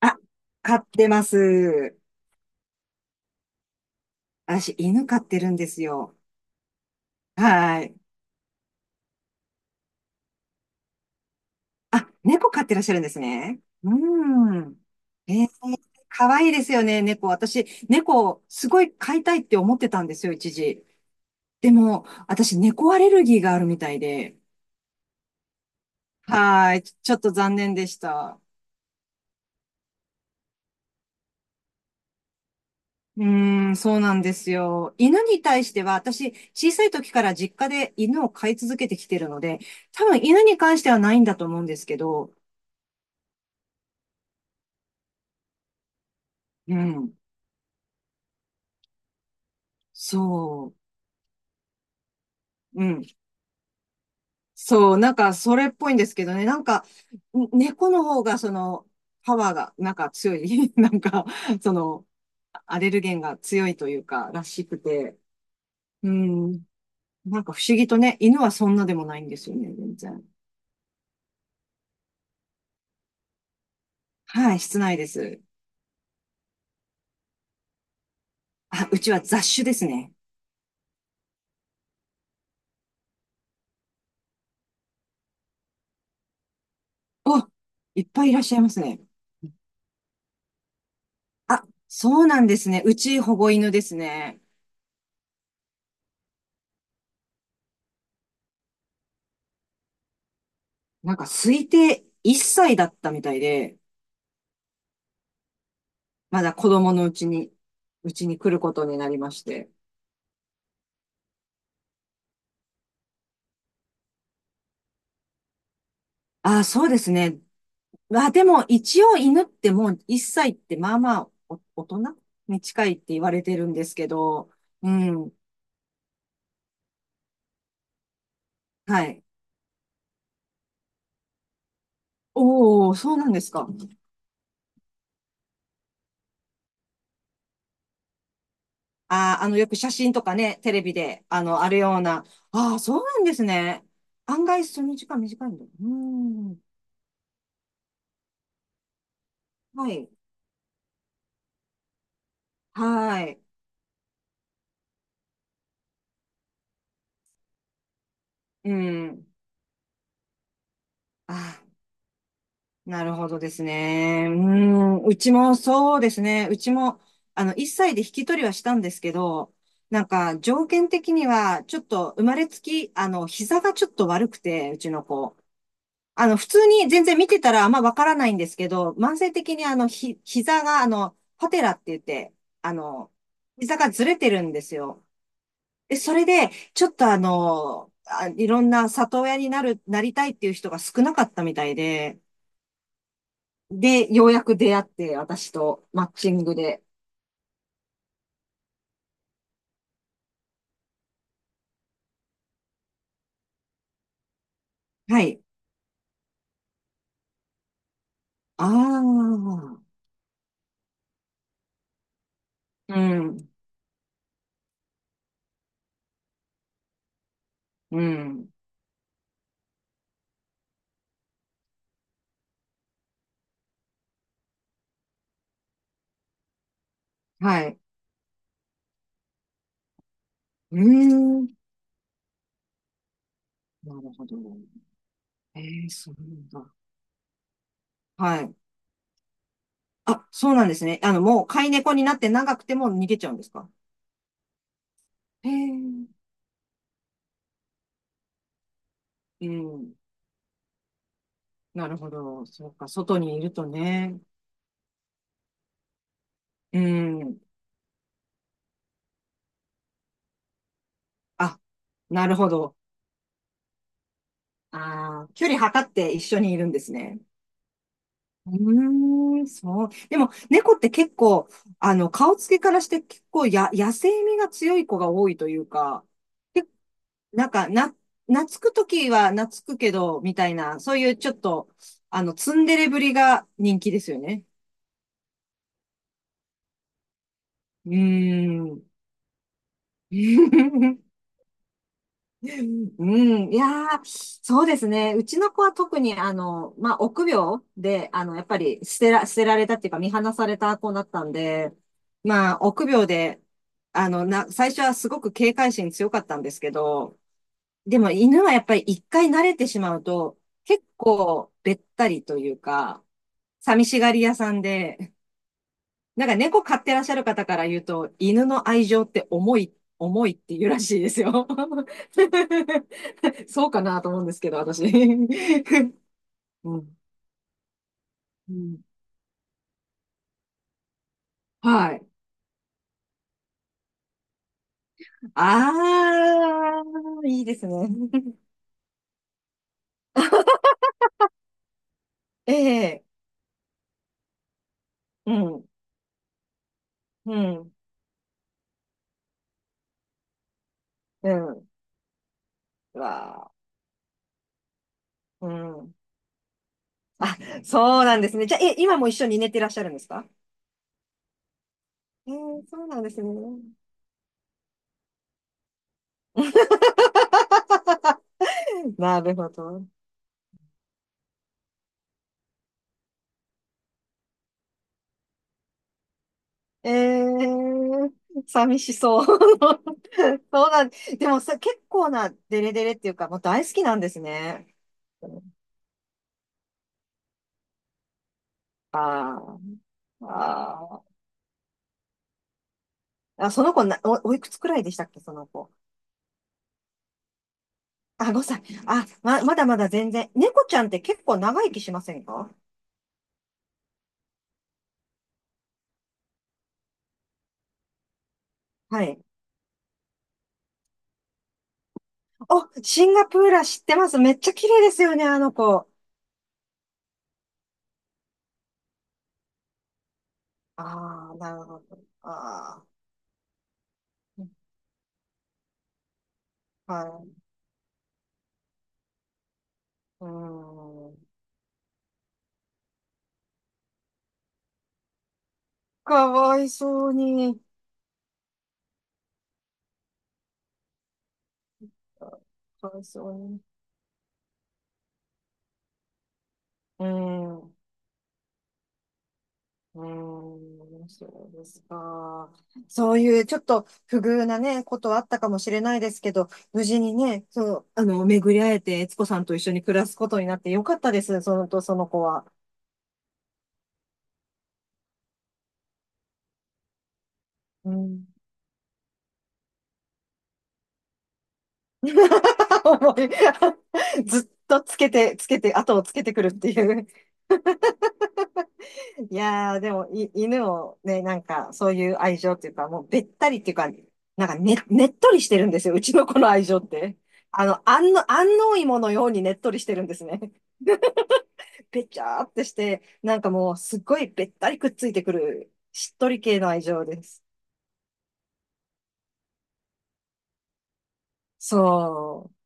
あ、飼ってます。私、犬飼ってるんですよ。はい。あ、猫飼ってらっしゃるんですね。うん。えー、かわいいですよね、猫。私、猫、すごい飼いたいって思ってたんですよ、一時。でも、私、猫アレルギーがあるみたいで。はい。ちょっと残念でした。そうなんですよ。犬に対しては、私、小さい時から実家で犬を飼い続けてきてるので、多分犬に関してはないんだと思うんですけど、うん。そう。うん。そう。なんか、それっぽいんですけどね。なんか、猫の方が、パワーが、なんか強い。なんか、その、アレルゲンが強いというか、らしくて。うん。なんか不思議とね、犬はそんなでもないんですよね、全然。はい、室内です。あ、うちは雑種ですね。お、いっぱいいらっしゃいますね。あ、そうなんですね。うち保護犬ですね。なんか推定1歳だったみたいで、まだ子供のうちに、うちに来ることになりまして。ああ、そうですね。まあでも一応犬ってもう1歳ってまあまあお大人に近いって言われてるんですけど、うん。はい。おお、そうなんですか。ああ、よく写真とかね、テレビで、あるような。ああ、そうなんですね。案外、その時間短いんだ。うーん。はい。はい。うん。ああ。なるほどですね。うちもそうですね。うちも、1歳で引き取りはしたんですけど、なんか、条件的には、ちょっと、生まれつき、膝がちょっと悪くて、うちの子。普通に全然見てたらあんまわからないんですけど、慢性的に膝が、パテラって言って、あの、膝がずれてるんですよ。で、それで、ちょっといろんな里親になりたいっていう人が少なかったみたいで、で、ようやく出会って、私とマッチングで。はい。ああ、うん、うん、はい。うーん、なるほど。ええ、そうなんだ。はい。あ、そうなんですね。もう飼い猫になって長くても逃げちゃうんですか？へえ、うん、なるほど。そうか、外にいるとね。うん、あ、なるほど。ああ、距離測って一緒にいるんですね。うーん、そう。でも、猫って結構、顔つけからして結構野生味が強い子が多いというか、けなんか、懐くときは懐くけど、みたいな、そういうちょっと、ツンデレぶりが人気ですよね。うーん。うん、いやー、そうですね。うちの子は特に、まあ、臆病で、やっぱり捨てられたっていうか、見放された子だったんで、まあ、臆病で、最初はすごく警戒心強かったんですけど、でも犬はやっぱり一回慣れてしまうと、結構べったりというか、寂しがり屋さんで、なんか猫飼ってらっしゃる方から言うと、犬の愛情って重い、重いって言うらしいですよ。そうかなと思うんですけど、私。うん。うん、はい。ああ、いいですね。ええ、うん、うん、うん。うわー、うん。そうなんですね。じゃあ、今も一緒に寝てらっしゃるんですか？ええ、そうなんですね。なるほど。ええー、寂しそう。そうなん、でもさ、結構なデレデレっていうか、もう大好きなんですね。あーあー、あ、その子な、おいくつくらいでしたっけ、その子。あ、5歳。あ、まだまだ全然。猫ちゃんって結構長生きしませんか？はい。お、シンガプーラ知ってます。めっちゃ綺麗ですよね、あの子。ああ、なるほど。ああ、はい。うーん。かわいそうに。かわいそうに。うーん、うーん、そうですか。そういうちょっと不遇なね、ことはあったかもしれないですけど、無事にね、そう、巡り会えて、悦子さんと一緒に暮らすことになってよかったです、そのと、その子は。うん。思いずっとつけて、つけて、後をつけてくるっていう。いやー、でも、犬をね、なんか、そういう愛情っていうか、もうべったりっていうか、なんかね、ねっとりしてるんですよ。うちの子の愛情って。安納芋のようにねっとりしてるんですね。べちゃーってして、なんかもう、すっごいべったりくっついてくる、しっとり系の愛情です。そう。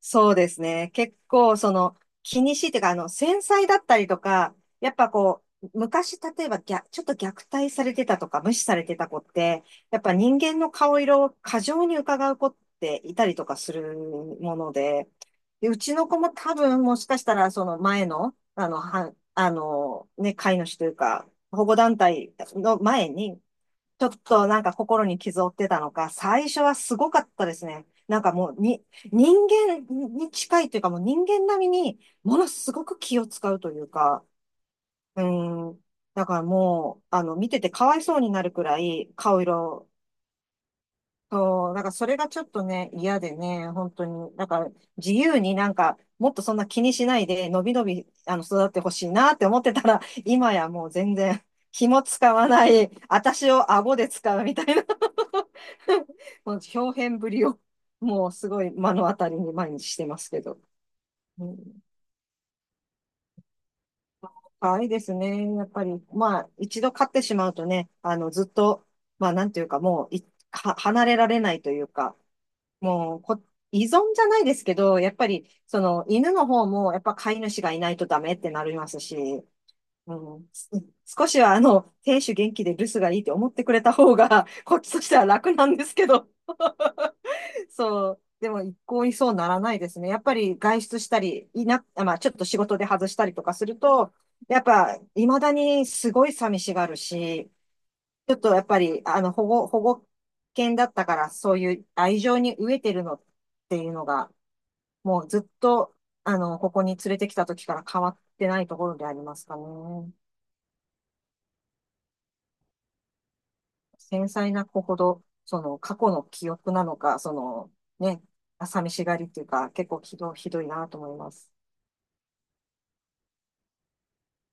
そうですね。結構、気にしいっていうか、繊細だったりとか、やっぱこう、昔、例えばちょっと虐待されてたとか、無視されてた子って、やっぱ人間の顔色を過剰に伺う子っていたりとかするもので、で、うちの子も多分、もしかしたら、その前の、ね、飼い主というか、保護団体の前に、ちょっとなんか心に傷を負ってたのか、最初はすごかったですね。なんかもう人間に近いというかもう人間並みにものすごく気を使うというか、うん。だからもう、見ててかわいそうになるくらい顔色。そう、だからそれがちょっとね、嫌でね、本当に。だから自由になんか、もっとそんな気にしないで、のびのび、育ってほしいなって思ってたら、今やもう全然、気も使わない、私を顎で使うみたいな もう表現ぶりを、もうすごい目の当たりに毎日してますけど。うん、可愛いですね。やっぱり、まあ、一度飼ってしまうとね、ずっと、まあ、なんていうか、もうい、離れられないというか、もうこ、依存じゃないですけど、やっぱり、犬の方も、やっぱ飼い主がいないとダメってなりますし、うん、少しは、亭主元気で留守がいいって思ってくれた方が、こっちとしては楽なんですけど、そう、でも一向にそうならないですね。やっぱり外出したり、まあ、ちょっと仕事で外したりとかすると、やっぱ、未だにすごい寂しがるし、ちょっとやっぱり、保護犬だったから、そういう愛情に飢えてるのっていうのが、もうずっと、ここに連れてきた時から変わってないところでありますかね。繊細な子ほど、その過去の記憶なのか、そのね、寂しがりっていうか、結構ひどいなと思います。